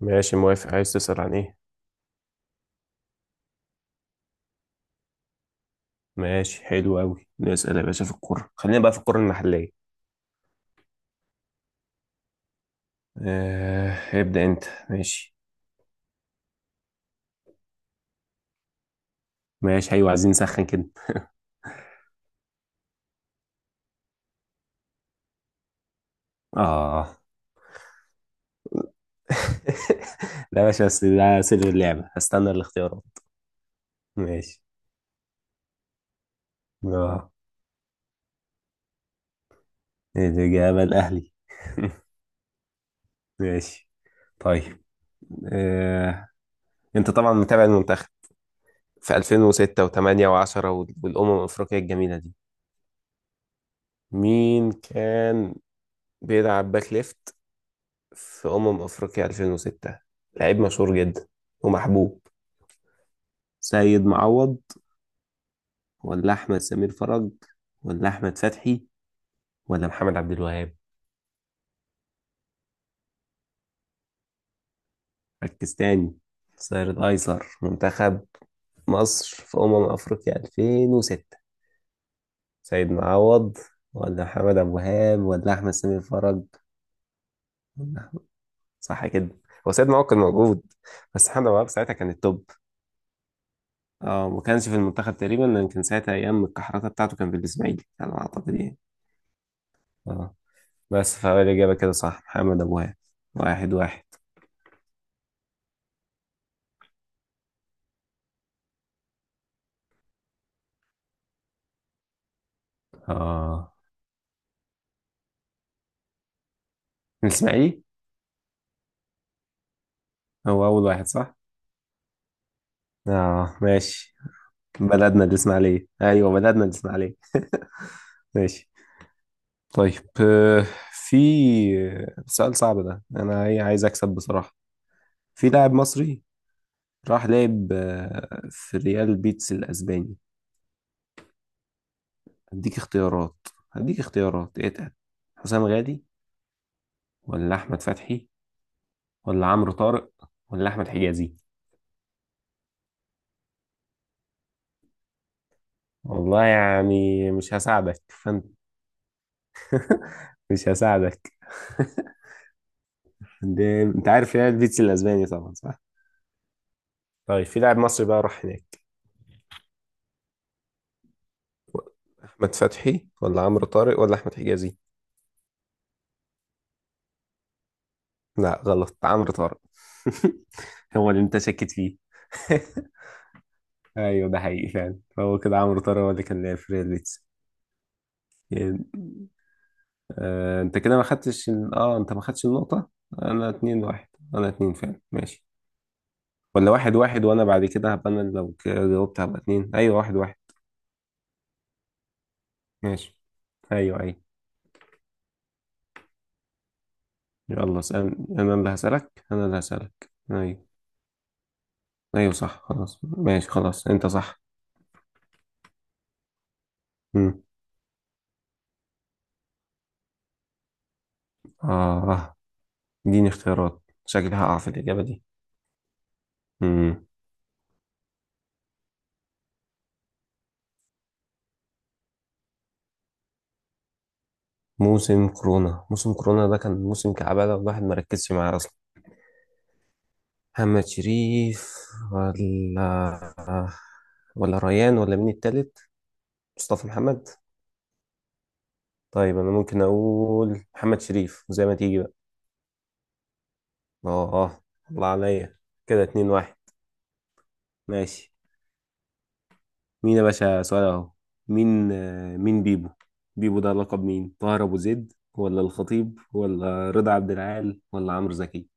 ماشي، موافق. عايز تسأل عن ايه؟ ماشي حلو قوي، نسأل يا باشا في الكورة. خلينا بقى في الكورة المحلية. آه، ابدأ انت. ماشي ماشي. ايوه، عايزين نسخن كده. اه لا يا باشا، بس ده سر اللعبة، هستنى الاختيارات. ماشي. اه الإجابة الأهلي. ماشي. طيب آه. انت طبعا متابع المنتخب في 2006 و8 و10، والأمم الأفريقية الجميلة دي. مين كان بيلعب باك ليفت في أمم أفريقيا 2006؟ لعيب مشهور جدا ومحبوب. سيد معوض ولا أحمد سمير فرج ولا أحمد فتحي ولا محمد عبد الوهاب؟ ركز تاني. الظهير الأيسر منتخب مصر في أمم أفريقيا 2006، سيد معوض ولا محمد عبد الوهاب ولا أحمد سمير فرج ولا أحمد. صح كده؟ هو سيد معوض كان موجود، بس محمد عبد الوهاب ساعتها كان التوب. اه، ما كانش في المنتخب تقريبا، لان كان ساعتها ايام الكحركه بتاعته كان في الاسماعيلي على ما اعتقد، يعني. اه، بس فهو الإجابة كده صح، محمد أبو وهاب. واحد واحد. آه، الإسماعيلي. هو أول واحد صح؟ آه ماشي. بلدنا الإسماعيلية، أيوة بلدنا الإسماعيلية. ماشي. طيب في سؤال صعب ده، أنا إيه، عايز أكسب بصراحة. في لاعب مصري راح لعب في ريال بيتس الأسباني. هديك اختيارات. هديك اختيارات اتقل. حسام غادي ولا أحمد فتحي ولا عمرو طارق ولا أحمد حجازي؟ والله يعني مش هساعدك، فانت مش هساعدك. انت عارف يعني البيتش الاسباني طبعا، صح؟ طيب، في لاعب مصري بقى راح هناك. احمد فتحي ولا عمرو طارق ولا احمد حجازي؟ لا غلط، عمرو طارق. هو اللي انت شاكك فيه. ايوه، ده حقيقي فعلا، هو كده عمرو طارق هو اللي كان لاعب في ريال بيتس. يعني انت كده ما خدتش انت ما خدتش النقطة. انا اتنين واحد. انا اتنين فعلا، ماشي. ولا واحد واحد، وانا بعد كده هبقى انا لو جاوبت هبقى اتنين. ايوه، واحد واحد. ماشي. ايوه ايوه. يلا اسال. انا اللي هسالك. ايوه. ايوه صح، خلاص ماشي، خلاص انت صح. امم اه، اديني اختيارات، شكلي هقع في الاجابه دي. امم موسم كورونا، ده كان موسم كعبه ده، الواحد ما ركزش معاه اصلا. محمد شريف ولا ريان ولا مين التالت؟ مصطفى محمد. طيب انا ممكن اقول محمد شريف، زي ما تيجي بقى. اه الله عليا. كده اتنين واحد. ماشي. مين يا باشا سؤال اهو. مين مين بيبو؟ بيبو ده لقب مين؟ طاهر ابو زيد ولا الخطيب ولا رضا عبد العال ولا عمرو زكي؟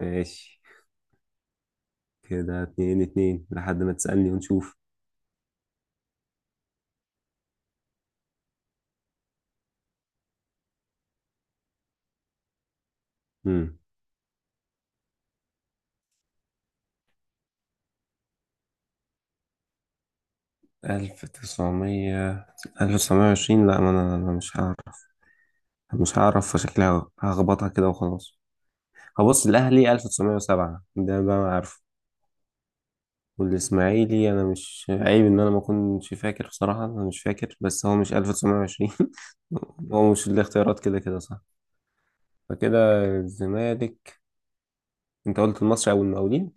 ماشي. كده اتنين اتنين، لحد ما تسألني ونشوف. امم ألف تسعمية 1920؟ لا، ما أنا، أنا مش هعرف. مش هعرف، فشكلها هخبطها كده وخلاص. هبص، الأهلي 1907، ده بقى ما عارف. والإسماعيلي، أنا مش عيب إن أنا ما أكونش فاكر، بصراحة أنا مش فاكر، بس هو مش 1920. هو مش الاختيارات كده كده، صح؟ فكده الزمالك. أنت قلت المصري أو المقاولين.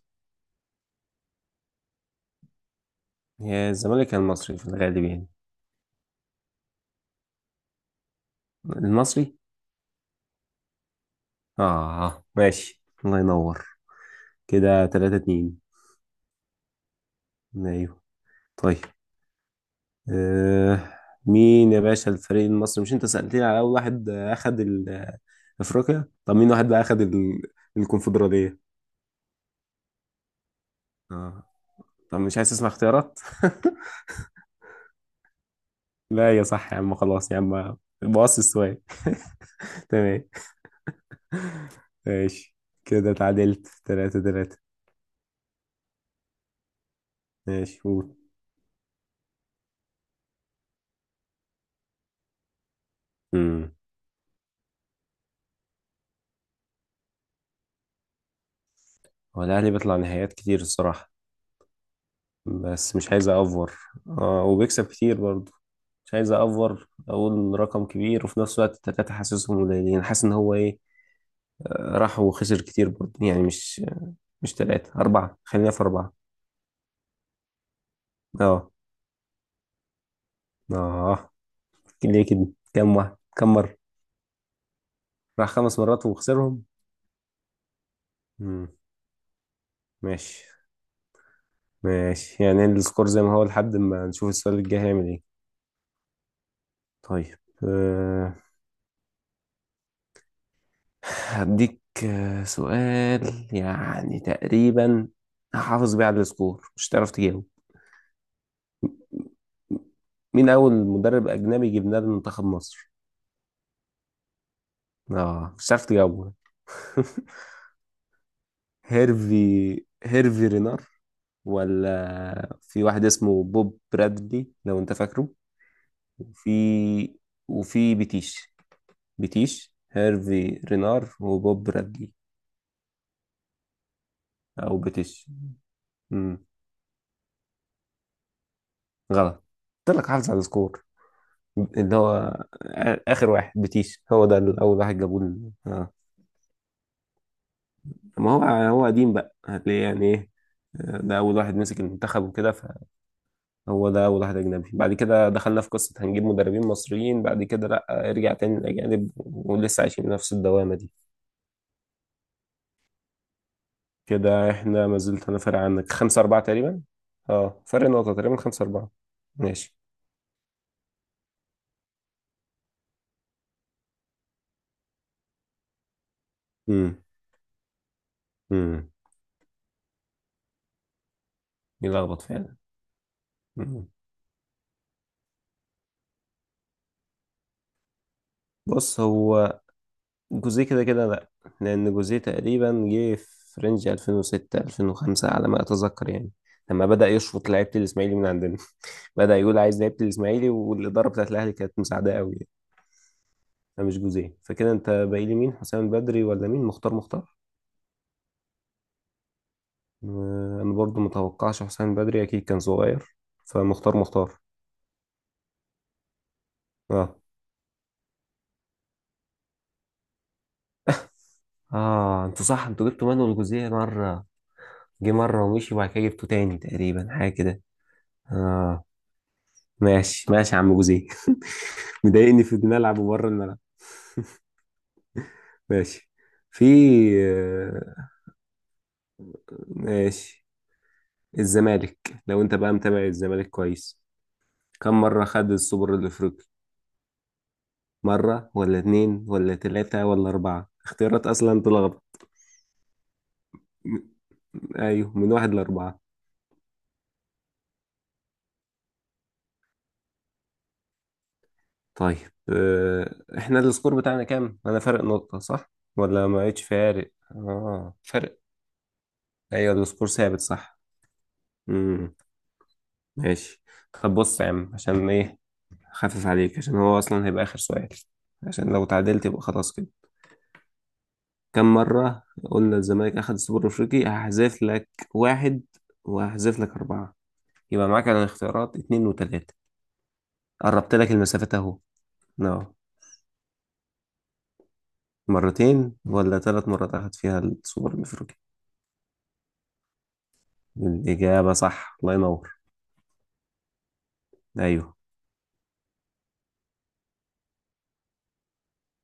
هي الزمالك يا المصري في الغالب، يعني المصري. آه ماشي الله ينور. كده 3-2. أيوه. طيب آه، مين يا باشا الفريق المصري، مش أنت سألتني على أول واحد أخد أفريقيا؟ طب مين واحد بقى أخد الكونفدرالية؟ آه، طب مش عايز تسمع اختيارات؟ لا يا صح يا عم، خلاص يا عم، بوص السؤال. تمام. ماشي، كده اتعادلت تلاتة تلاتة. ماشي، قول. امم هو الأهلي بيطلع نهائيات كتير الصراحة. بس مش عايز أأفور. اه، وبيكسب كتير برضه. مش عايز أأفور أقول رقم كبير، وفي نفس الوقت التلاتة حاسسهم قليلين، حاسس إن هو إيه، راح وخسر كتير برضه يعني. مش تلاتة، أربعة. خلينا في أربعة. اه. اه، ليه كده؟ كام مرة؟ راح خمس مرات وخسرهم. مم. ماشي، ماشي يعني، السكور زي ما هو لحد ما نشوف السؤال الجاي هيعمل ايه. طيب أه... هديك سؤال يعني تقريبا هحافظ بيه على السكور، مش هتعرف تجاوب. مين أول مدرب أجنبي جبناه لمنتخب مصر؟ اه مش هتعرف تجاوبه. هيرفي رينار، ولا في واحد اسمه بوب برادلي لو انت فاكره، وفي وفي بيتيش. بيتيش، هيرفي رينار، وبوب برادلي. او بيتيش. امم غلط. قلت لك حافظ على السكور. اللي هو اخر واحد بيتيش، هو ده اللي اول واحد جابوه ما هو، هو قديم بقى هتلاقيه يعني ايه، ده اول واحد مسك المنتخب وكده. فهو ده اول واحد اجنبي، بعد كده دخلنا في قصه هنجيب مدربين مصريين، بعد كده لا ارجع تاني للاجانب، ولسه عايشين نفس الدوامه دي. كده احنا ما زلت انا فارق عنك 5-4 تقريبا. اه فرق نقطة تقريبا، 5-4. ماشي. مم. امم يلخبط فعلا. مم. بص، هو جوزيه كده كده لا، لان جوزيه تقريبا جه في رينج 2006 2005 على ما اتذكر، يعني لما بدأ يشفط لعيبه الاسماعيلي من عندنا. بدأ يقول عايز لعيبه الاسماعيلي، والاداره بتاعت الاهلي كانت مساعداه قوي يعني. فمش جوزيه. فكده انت باقي لي مين؟ حسام البدري ولا مين، مختار مختار؟ آه، انا برضو متوقعش حسام البدري اكيد كان صغير، فمختار مختار. اه. اه انتوا صح، انتوا جبتوا مانويل جوزيه مره، جه مره ومشي، وبعد كده جبته تاني تقريبا، حاجه كده. اه. ماشي ماشي يا عم جوزيه. مضايقني في الملعب وبره الملعب. ماشي. في آه، ماشي. الزمالك، لو انت بقى متابع الزمالك كويس، كم مرة خد السوبر الافريقي؟ مرة ولا اتنين ولا تلاتة ولا اربعة؟ اختيارات اصلا تلخبط. م- ايوه، من واحد لاربعة. طيب احنا السكور بتاعنا كام؟ انا فرق نقطة صح؟ ولا ما بقتش فارق؟ اه، فرق. ايوه السكور ثابت صح. امم ماشي. طب بص يا عم، عشان ايه، خفف عليك عشان هو اصلا هيبقى اخر سؤال، عشان لو تعادلت يبقى خلاص كده. كم مرة، قلنا الزمالك اخد السوبر الافريقي؟ هحذف لك واحد، وهحذف لك اربعة، يبقى معاك على الاختيارات اتنين وتلاتة. قربت لك المسافات اهو. نعم. مرتين ولا ثلاث مرات اخد فيها السوبر الافريقي؟ الاجابة صح، الله ينور. ايوه.